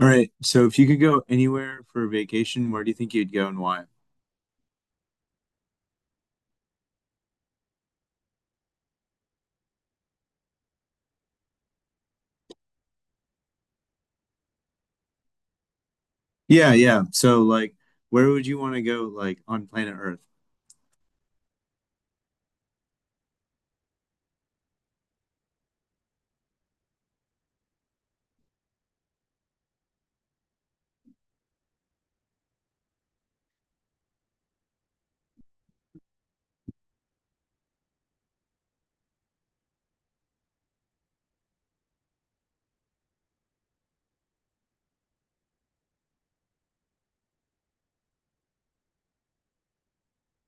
All right. So if you could go anywhere for a vacation, where do you think you'd go and why? Yeah, yeah. So, like, where would you want to go, like, on planet Earth?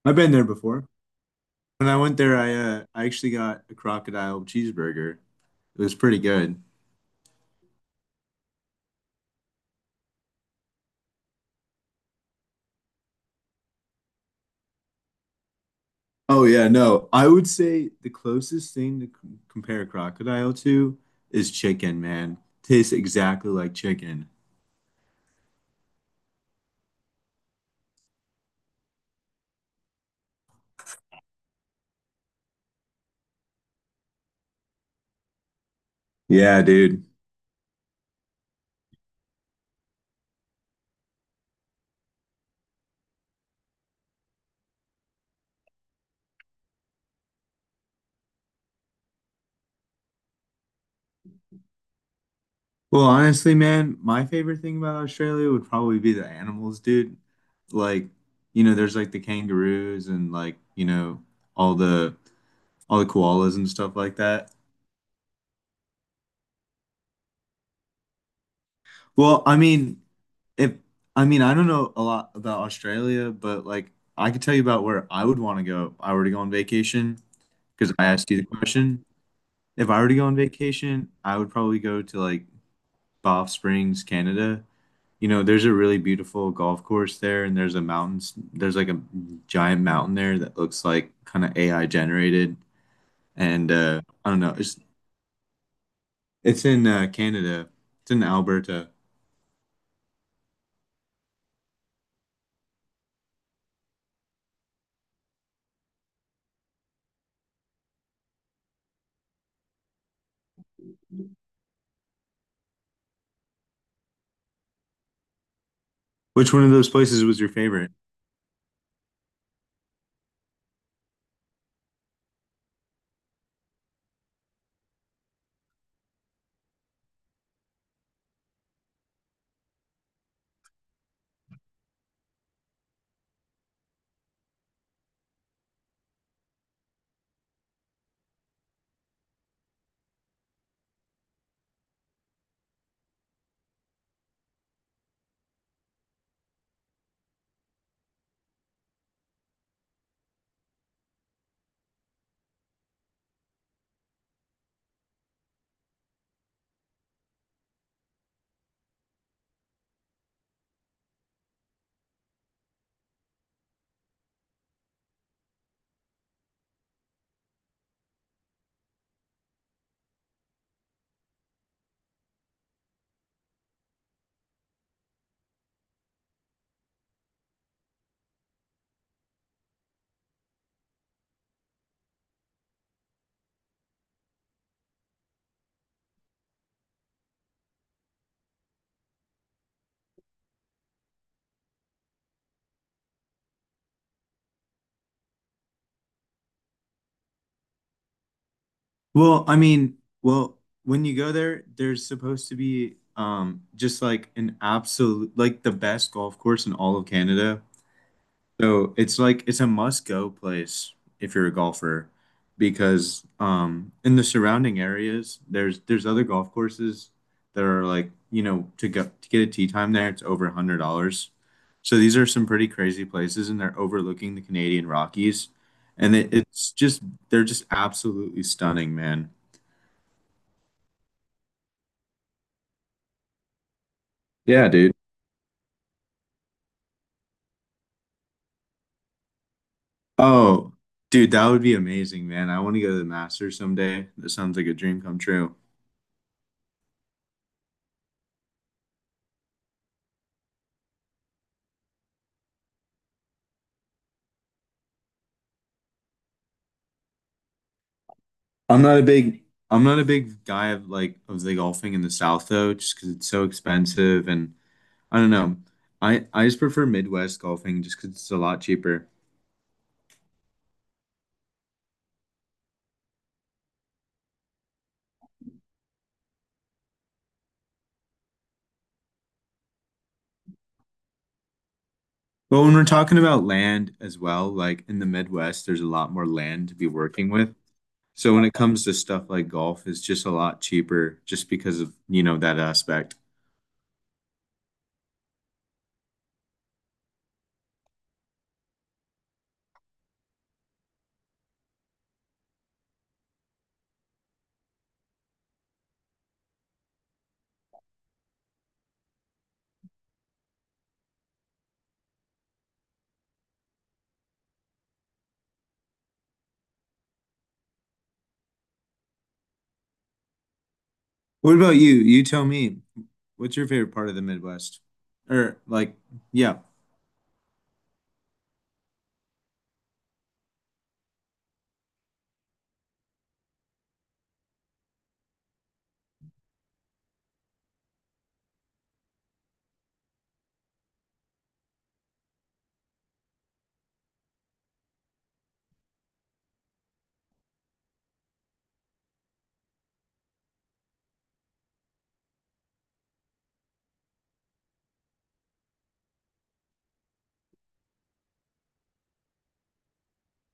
I've been there before. When I went there, I actually got a crocodile cheeseburger. It was pretty good. Oh yeah, no. I would say the closest thing to c compare crocodile to is chicken, man. Tastes exactly like chicken. Yeah, dude. Well, honestly, man, my favorite thing about Australia would probably be the animals, dude. Like, you know, there's like the kangaroos and, like, you know, all the all the koalas and stuff like that. Well, I mean, if I mean, I don't know a lot about Australia, but, like, I could tell you about where I would want to go if I were to go on vacation because I asked you the question. If I were to go on vacation, I would probably go to like Banff Springs, Canada. You know, there's a really beautiful golf course there, and there's a mountains. There's like a giant mountain there that looks like kind of AI generated. And I don't know. It's in Canada. It's in Alberta. Which one of those places was your favorite? Well, when you go there, there's supposed to be just like an absolute like the best golf course in all of Canada. So it's like it's a must-go place if you're a golfer because in the surrounding areas there's other golf courses that are like, you know, to go to get a tee time there it's over $100. So these are some pretty crazy places and they're overlooking the Canadian Rockies, and it's just they're just absolutely stunning, man. Yeah, dude. Oh, dude, that would be amazing, man. I want to go to the Masters someday. That sounds like a dream come true. I'm not a big I'm not a big guy of like of the golfing in the South, though, just because it's so expensive and I don't know. I just prefer Midwest golfing just because it's a lot cheaper. But when we're talking about land as well, like in the Midwest, there's a lot more land to be working with. So when it comes to stuff like golf, it's just a lot cheaper just because of, you know, that aspect. What about you? You tell me, what's your favorite part of the Midwest? Or, like, yeah.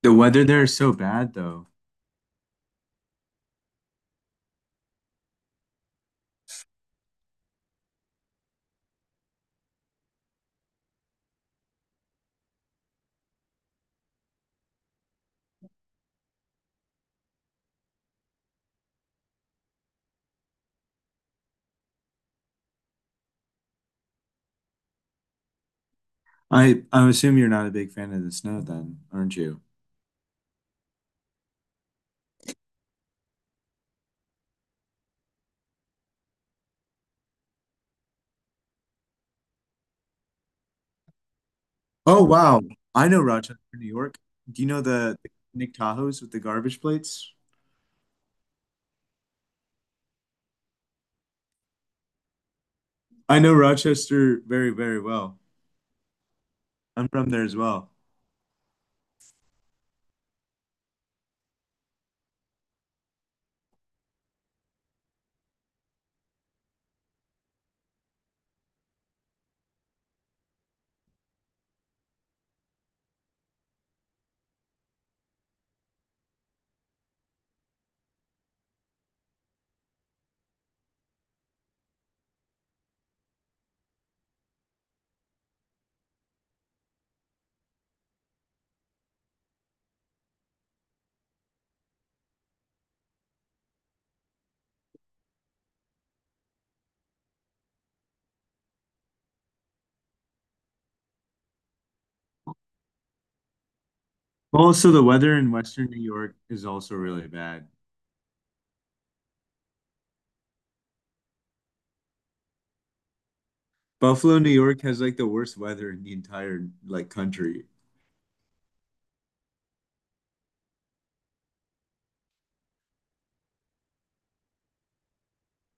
The weather there is so bad though. I assume you're not a big fan of the snow then, aren't you? Oh wow. I know Rochester, New York. Do you know the Nick Tahoes with the garbage plates? I know Rochester very, very well. I'm from there as well. Also, the weather in Western New York is also really bad. Buffalo, New York has like the worst weather in the entire like country.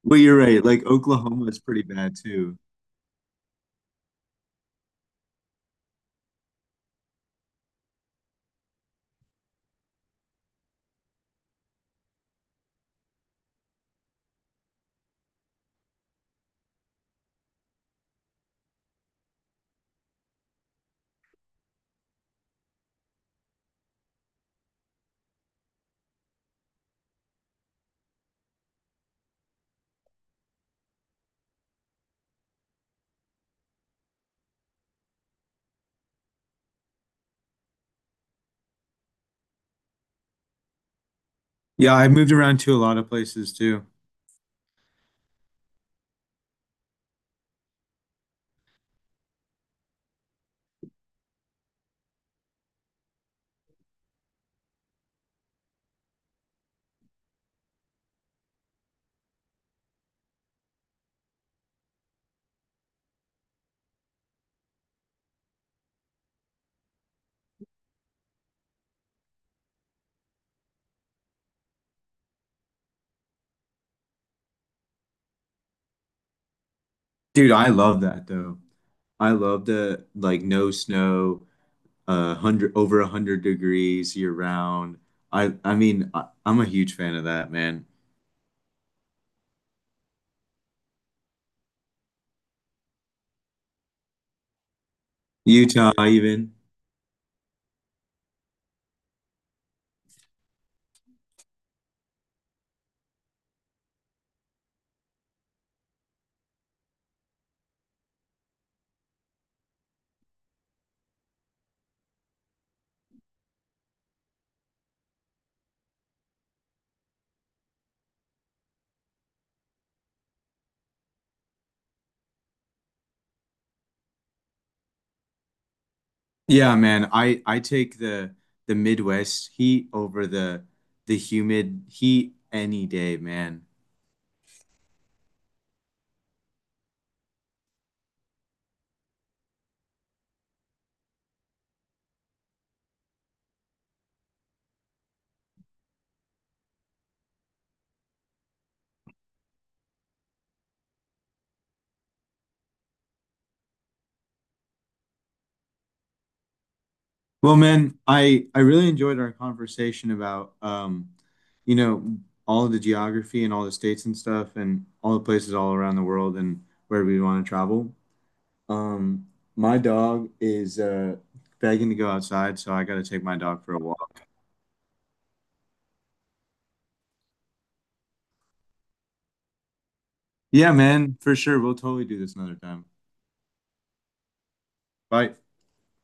Well, you're right. Like Oklahoma is pretty bad too. Yeah, I moved around to a lot of places too. Dude, I love that though. I love the like no snow. Hundred over a hundred degrees year round. I'm a huge fan of that, man. Utah even. Yeah, man. I take the Midwest heat over the humid heat any day, man. Well, man, I really enjoyed our conversation about you know, all of the geography and all the states and stuff and all the places all around the world and where we want to travel. Um, my dog is begging to go outside, so I gotta take my dog for a walk. Yeah, man, for sure. We'll totally do this another time. Bye.